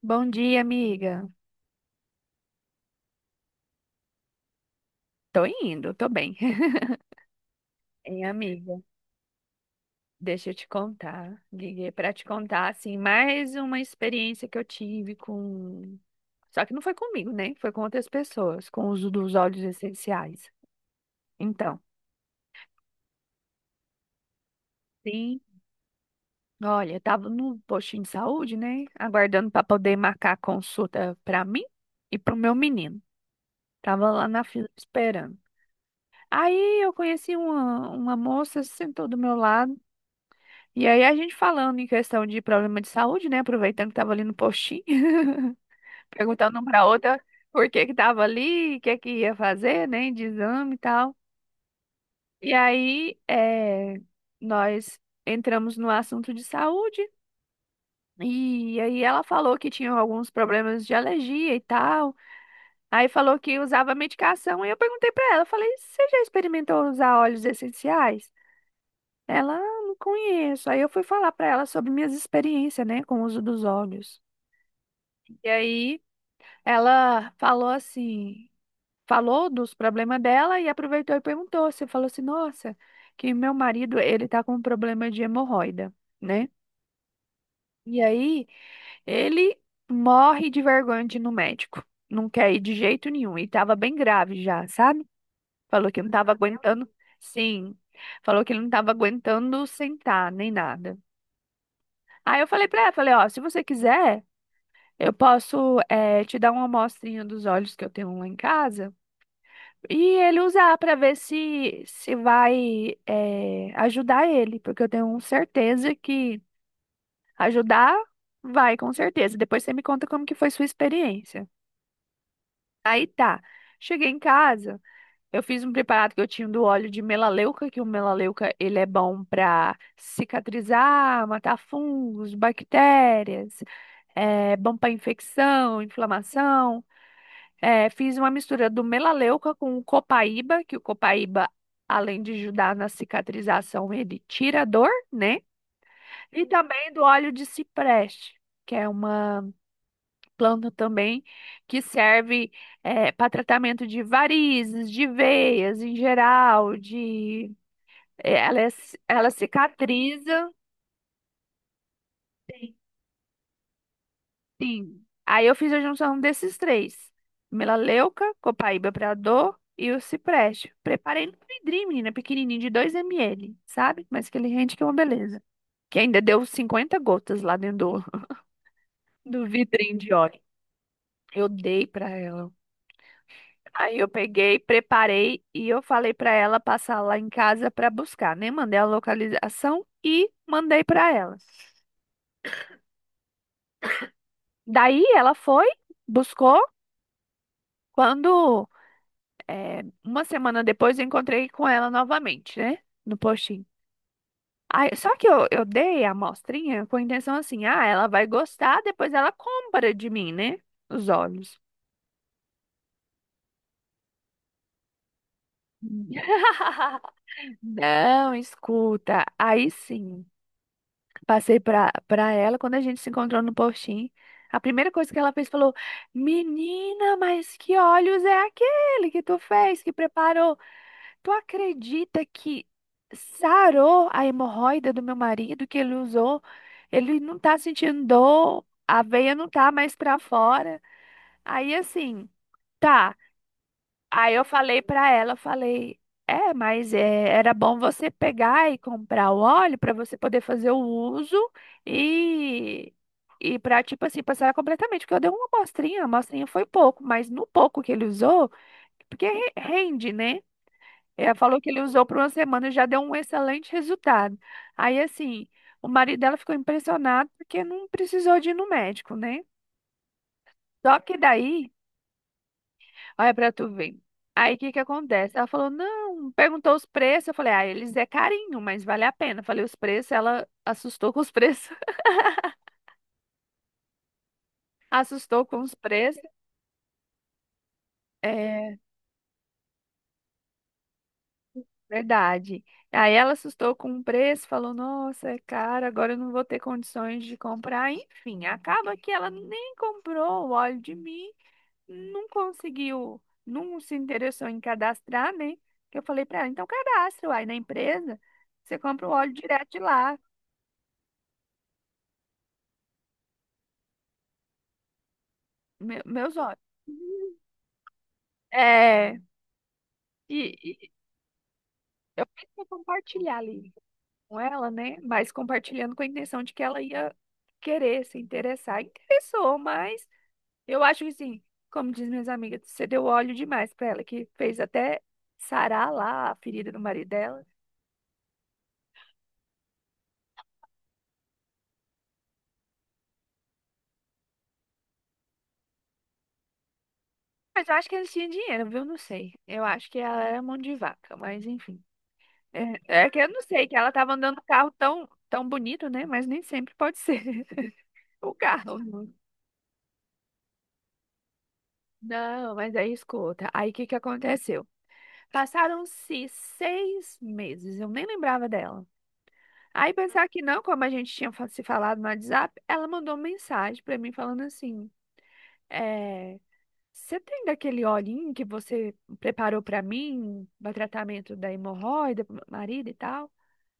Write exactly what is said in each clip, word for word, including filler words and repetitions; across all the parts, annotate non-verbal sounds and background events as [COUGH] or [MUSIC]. Bom dia, amiga. Tô indo, tô bem. [LAUGHS] Hein, amiga? Deixa eu te contar. Liguei pra te contar, assim, mais uma experiência que eu tive com. Só que não foi comigo, né? Foi com outras pessoas, com o uso dos óleos essenciais. Então, sim. Olha, eu tava no postinho de saúde, né? Aguardando pra poder marcar a consulta pra mim e pro meu menino. Tava lá na fila esperando. Aí eu conheci uma, uma moça, sentou do meu lado. E aí a gente falando em questão de problema de saúde, né? Aproveitando que tava ali no postinho, [LAUGHS] perguntando uma pra outra por que que tava ali, o que que ia fazer, né? De exame e tal. E aí é, nós entramos no assunto de saúde. E aí ela falou que tinha alguns problemas de alergia e tal. Aí falou que usava medicação. E eu perguntei pra ela, eu falei, você já experimentou usar óleos essenciais? Ela, "Ah, não conheço. Aí eu fui falar pra ela sobre minhas experiências, né, com o uso dos óleos. E aí ela falou assim, falou dos problemas dela e aproveitou e perguntou. Você falou assim, nossa, que meu marido, ele tá com um problema de hemorroida, né? E aí ele morre de vergonha de ir no médico. Não quer ir de jeito nenhum. E tava bem grave já, sabe? Falou que não tava aguentando. Sim. Falou que ele não tava aguentando sentar, nem nada. Aí eu falei pra ela, falei, ó, se você quiser, eu posso eh, te dar uma amostrinha dos olhos que eu tenho lá em casa. E ele usar para ver se, se vai eh, ajudar ele, porque eu tenho certeza que ajudar vai, com certeza. Depois você me conta como que foi sua experiência. Aí tá, cheguei em casa, eu fiz um preparado que eu tinha do óleo de melaleuca, que o melaleuca ele é bom para cicatrizar, matar fungos, bactérias, é bom para infecção, inflamação. É, fiz uma mistura do melaleuca com o copaíba, que o copaíba, além de ajudar na cicatrização, ele tira a dor, né? E também do óleo de cipreste, que é uma planta também que serve para tratamento de varizes, de veias em geral, de é, ela, é- ela cicatriza. Sim. Aí eu fiz a junção desses três: melaleuca, copaíba pra dor e o cipreste. Preparei no vidrinho, menina, pequenininho de dois ml, sabe? Mas que ele rende que é uma beleza. Que ainda deu cinquenta gotas lá dentro do, do vidrinho de óleo. Eu dei pra ela. Aí eu peguei, preparei e eu falei pra ela passar lá em casa pra buscar, né? Mandei a localização e mandei pra ela. Daí ela foi, buscou. Quando É, uma semana depois eu encontrei com ela novamente, né? No postinho. Aí, só que eu, eu dei a amostrinha com a intenção assim, ah, ela vai gostar, depois ela compra de mim, né? Os olhos. [LAUGHS] Não, escuta. Aí sim. Passei pra, pra ela, quando a gente se encontrou no postinho, a primeira coisa que ela fez falou: Menina, mas que olhos é aquele que tu fez, que preparou? Tu acredita que sarou a hemorroida do meu marido que ele usou? Ele não tá sentindo dor, a veia não tá mais pra fora. Aí assim, tá. Aí eu falei pra ela, eu falei, é, mas é, era bom você pegar e comprar o óleo pra você poder fazer o uso e e para tipo assim passar completamente, porque eu dei uma amostrinha, a amostrinha foi pouco, mas no pouco que ele usou, porque re- rende, né? Ela falou que ele usou por uma semana e já deu um excelente resultado. Aí assim, o marido dela ficou impressionado porque não precisou de ir no médico, né? Só que daí. Olha pra tu ver. Aí o que que acontece? Ela falou, não, perguntou os preços. Eu falei, ah, eles é carinho, mas vale a pena. Eu falei os preços, ela assustou com os preços. [LAUGHS] Assustou com os preços. É verdade. Aí ela assustou com o preço, falou, nossa, é caro, agora eu não vou ter condições de comprar. Enfim, acaba que ela nem comprou o óleo de mim, não conseguiu, não se interessou em cadastrar, né? Que eu falei pra ela, então cadastra, aí na empresa, você compra o óleo direto de lá. Me- meus olhos. É, e, e eu pensei em compartilhar ali com ela, né? Mas compartilhando com a intenção de que ela ia querer se interessar. Interessou, mas eu acho que assim, como diz minhas amigas, você deu óleo demais pra ela, que fez até sarar lá a ferida do marido dela. Mas eu acho que eles tinham dinheiro, viu? Não sei. Eu acho que ela era mão de vaca, mas enfim. É, é que eu não sei, que ela tava andando um carro tão, tão bonito, né? Mas nem sempre pode ser [LAUGHS] o carro, né? Não, mas aí escuta. Aí o que que aconteceu? Passaram-se seis meses, eu nem lembrava dela. Aí pensar que não, como a gente tinha fa- se falado no WhatsApp, ela mandou uma mensagem pra mim falando assim: é, você tem daquele olhinho que você preparou pra mim, para tratamento da hemorroida, pro meu marido e tal?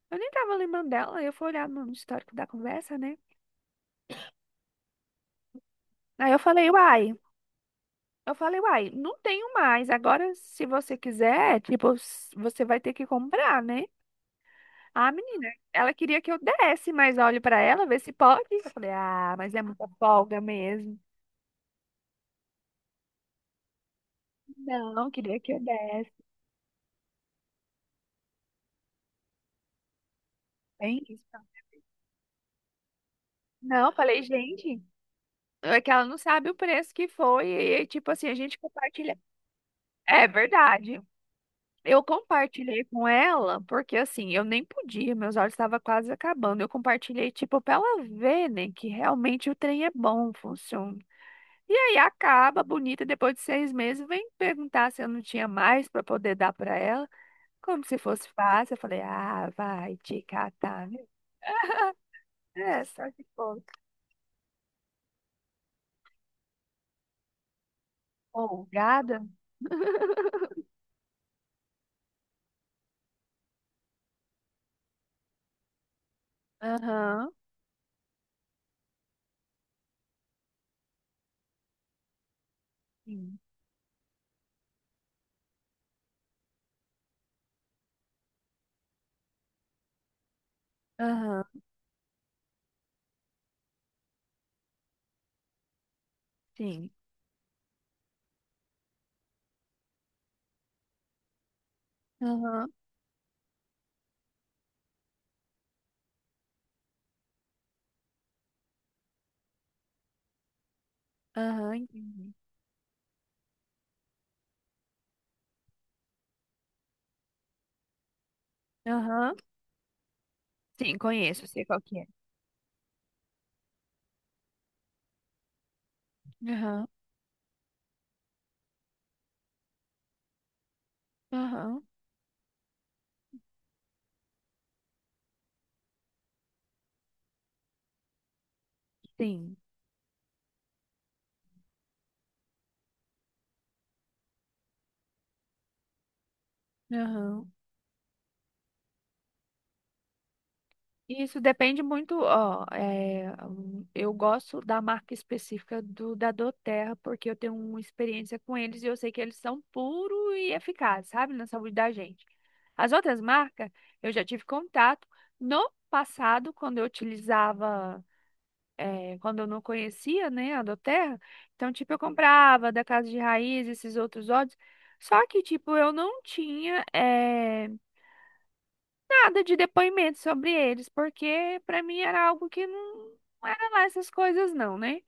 Eu nem tava lembrando dela, aí eu fui olhar no histórico da conversa, né? Aí eu falei, uai. Eu falei, uai, não tenho mais. Agora, se você quiser, tipo, s- você vai ter que comprar, né? Ah, menina, ela queria que eu desse mais óleo pra ela, ver se pode. Eu falei, ah, mas é muita folga mesmo. Não, queria que eu desse. Tem isso, tá? Não, falei, gente, é que ela não sabe o preço que foi. E, tipo assim, a gente compartilha. É verdade. Eu compartilhei com ela, porque assim, eu nem podia, meus olhos estavam quase acabando. Eu compartilhei, tipo, pra ela ver, né, que realmente o trem é bom, funciona. E aí acaba, bonita, depois de seis meses, vem perguntar se eu não tinha mais para poder dar para ela, como se fosse fácil. Eu falei, ah, vai te catar, né? É, só que ficou folgada. [LAUGHS] Aham, sim. Aham, sim. Aham, aham, entendi. Aham, sim, conheço, sei qual que é. Aham, aham, sim. Aham. Isso depende muito, ó, é, um, eu gosto da marca específica do da Doterra, porque eu tenho uma experiência com eles e eu sei que eles são puro e eficazes, sabe, na saúde da gente. As outras marcas, eu já tive contato no passado, quando eu utilizava, é, quando eu não conhecia, né, a Doterra, então, tipo, eu comprava da Casa de Raiz, esses outros óleos, só que, tipo, eu não tinha, é, nada de depoimento sobre eles, porque para mim era algo que não, não era lá essas coisas não, né?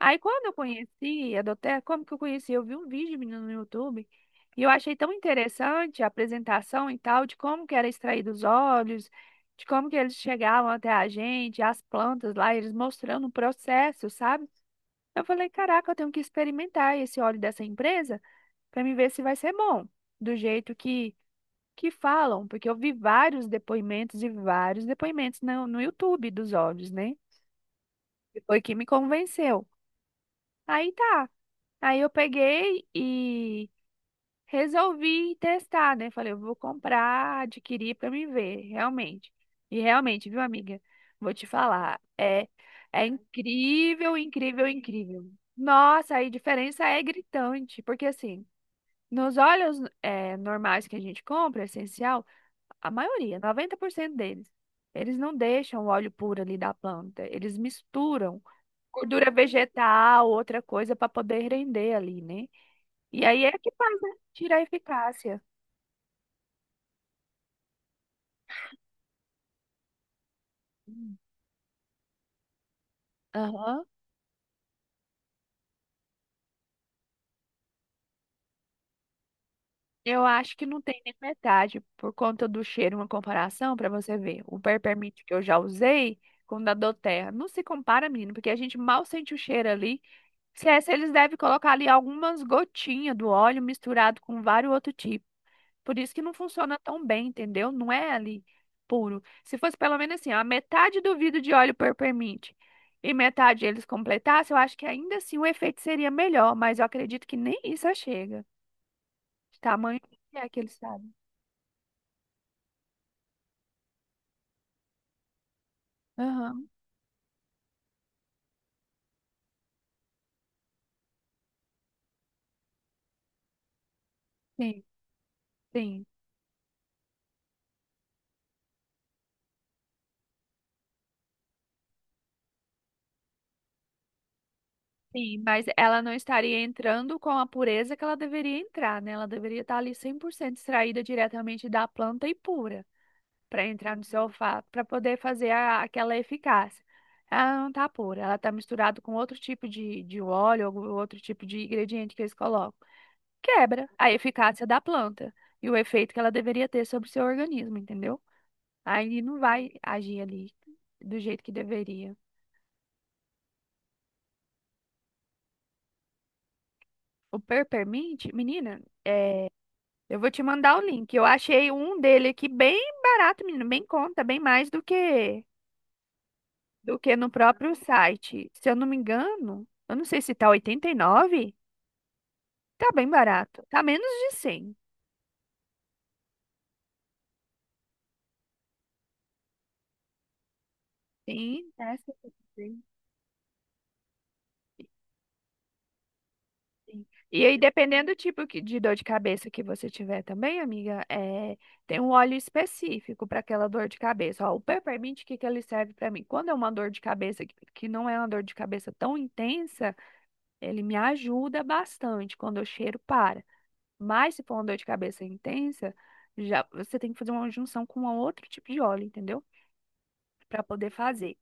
Aí quando eu conheci a Doterra, como que eu conheci? Eu vi um vídeo, menino, no YouTube, e eu achei tão interessante a apresentação e tal, de como que era extraído os óleos, de como que eles chegavam até a gente, as plantas lá, eles mostrando o processo, sabe? Eu falei, caraca, eu tenho que experimentar esse óleo dessa empresa para me ver se vai ser bom, do jeito que que falam, porque eu vi vários depoimentos e vários depoimentos no, no YouTube dos olhos, né? E foi que me convenceu. Aí tá. Aí eu peguei e resolvi testar, né? Falei, eu vou comprar, adquirir para me ver, realmente. E realmente, viu, amiga? Vou te falar, é é incrível, incrível, incrível. Nossa, aí a diferença é gritante, porque assim, nos óleos eh, normais que a gente compra, é essencial. A maioria, noventa por cento deles. Eles não deixam o óleo puro ali da planta. Eles misturam gordura vegetal, outra coisa para poder render ali, né? E aí é que faz, né? Tira a eficácia. Hum. Aham. Eu acho que não tem nem metade por conta do cheiro, uma comparação para você ver. O Peppermint que eu já usei com o da Doterra. Não se compara, menino, porque a gente mal sente o cheiro ali. Se é, se eles devem colocar ali algumas gotinhas do óleo misturado com vários outros tipos. Por isso que não funciona tão bem, entendeu? Não é ali puro. Se fosse pelo menos assim, a metade do vidro de óleo per permite e metade eles completassem, eu acho que ainda assim o efeito seria melhor, mas eu acredito que nem isso chega. Tamanho que é que eles sabem. Aham, sim, sim, sim. Mas ela não estaria entrando com a pureza que ela deveria entrar, né? Ela deveria estar ali cem por cento extraída diretamente da planta e pura. Para entrar no seu olfato, para poder fazer a- aquela eficácia. Ela não tá pura, ela tá misturada com outro tipo de, de óleo, algum outro tipo de ingrediente que eles colocam. Quebra a eficácia da planta e o efeito que ela deveria ter sobre o seu organismo, entendeu? Aí não vai agir ali do jeito que deveria. O Peppermint, menina, eu vou te mandar o link. Eu achei um dele aqui bem barato, menina, bem em conta, bem mais do que do que no próprio site. Se eu não me engano, eu não sei se tá oitenta e nove, tá bem barato. Tá menos de cem. Sim, essa eu sei, sim. E aí, dependendo do tipo que- de dor de cabeça que você tiver também, amiga, é, tem um óleo específico para aquela dor de cabeça. Ó, o peppermint, o que que ele serve para mim? Quando é uma dor de cabeça que que não é uma dor de cabeça tão intensa, ele me ajuda bastante quando eu cheiro para. Mas se for uma dor de cabeça intensa, já você tem que fazer uma junção com um outro tipo de óleo, entendeu? Para poder fazer.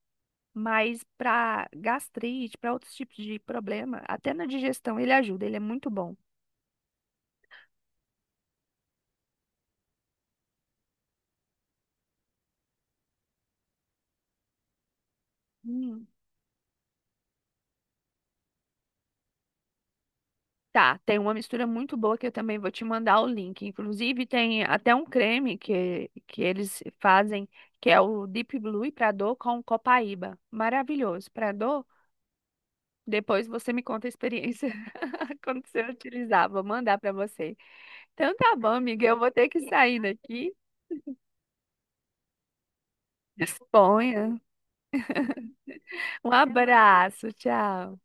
Mas para gastrite, para outros tipos de problema, até na digestão ele ajuda, ele é muito bom. Hum. Tá, tem uma mistura muito boa que eu também vou te mandar o link. Inclusive tem até um creme que, que eles fazem, que é o Deep Blue para dor com Copaíba. Maravilhoso. Para dor, depois você me conta a experiência [LAUGHS] quando você utilizar. Vou mandar para você. Então tá bom, amiga. Eu vou ter que sair daqui. Disponha. Um abraço, tchau.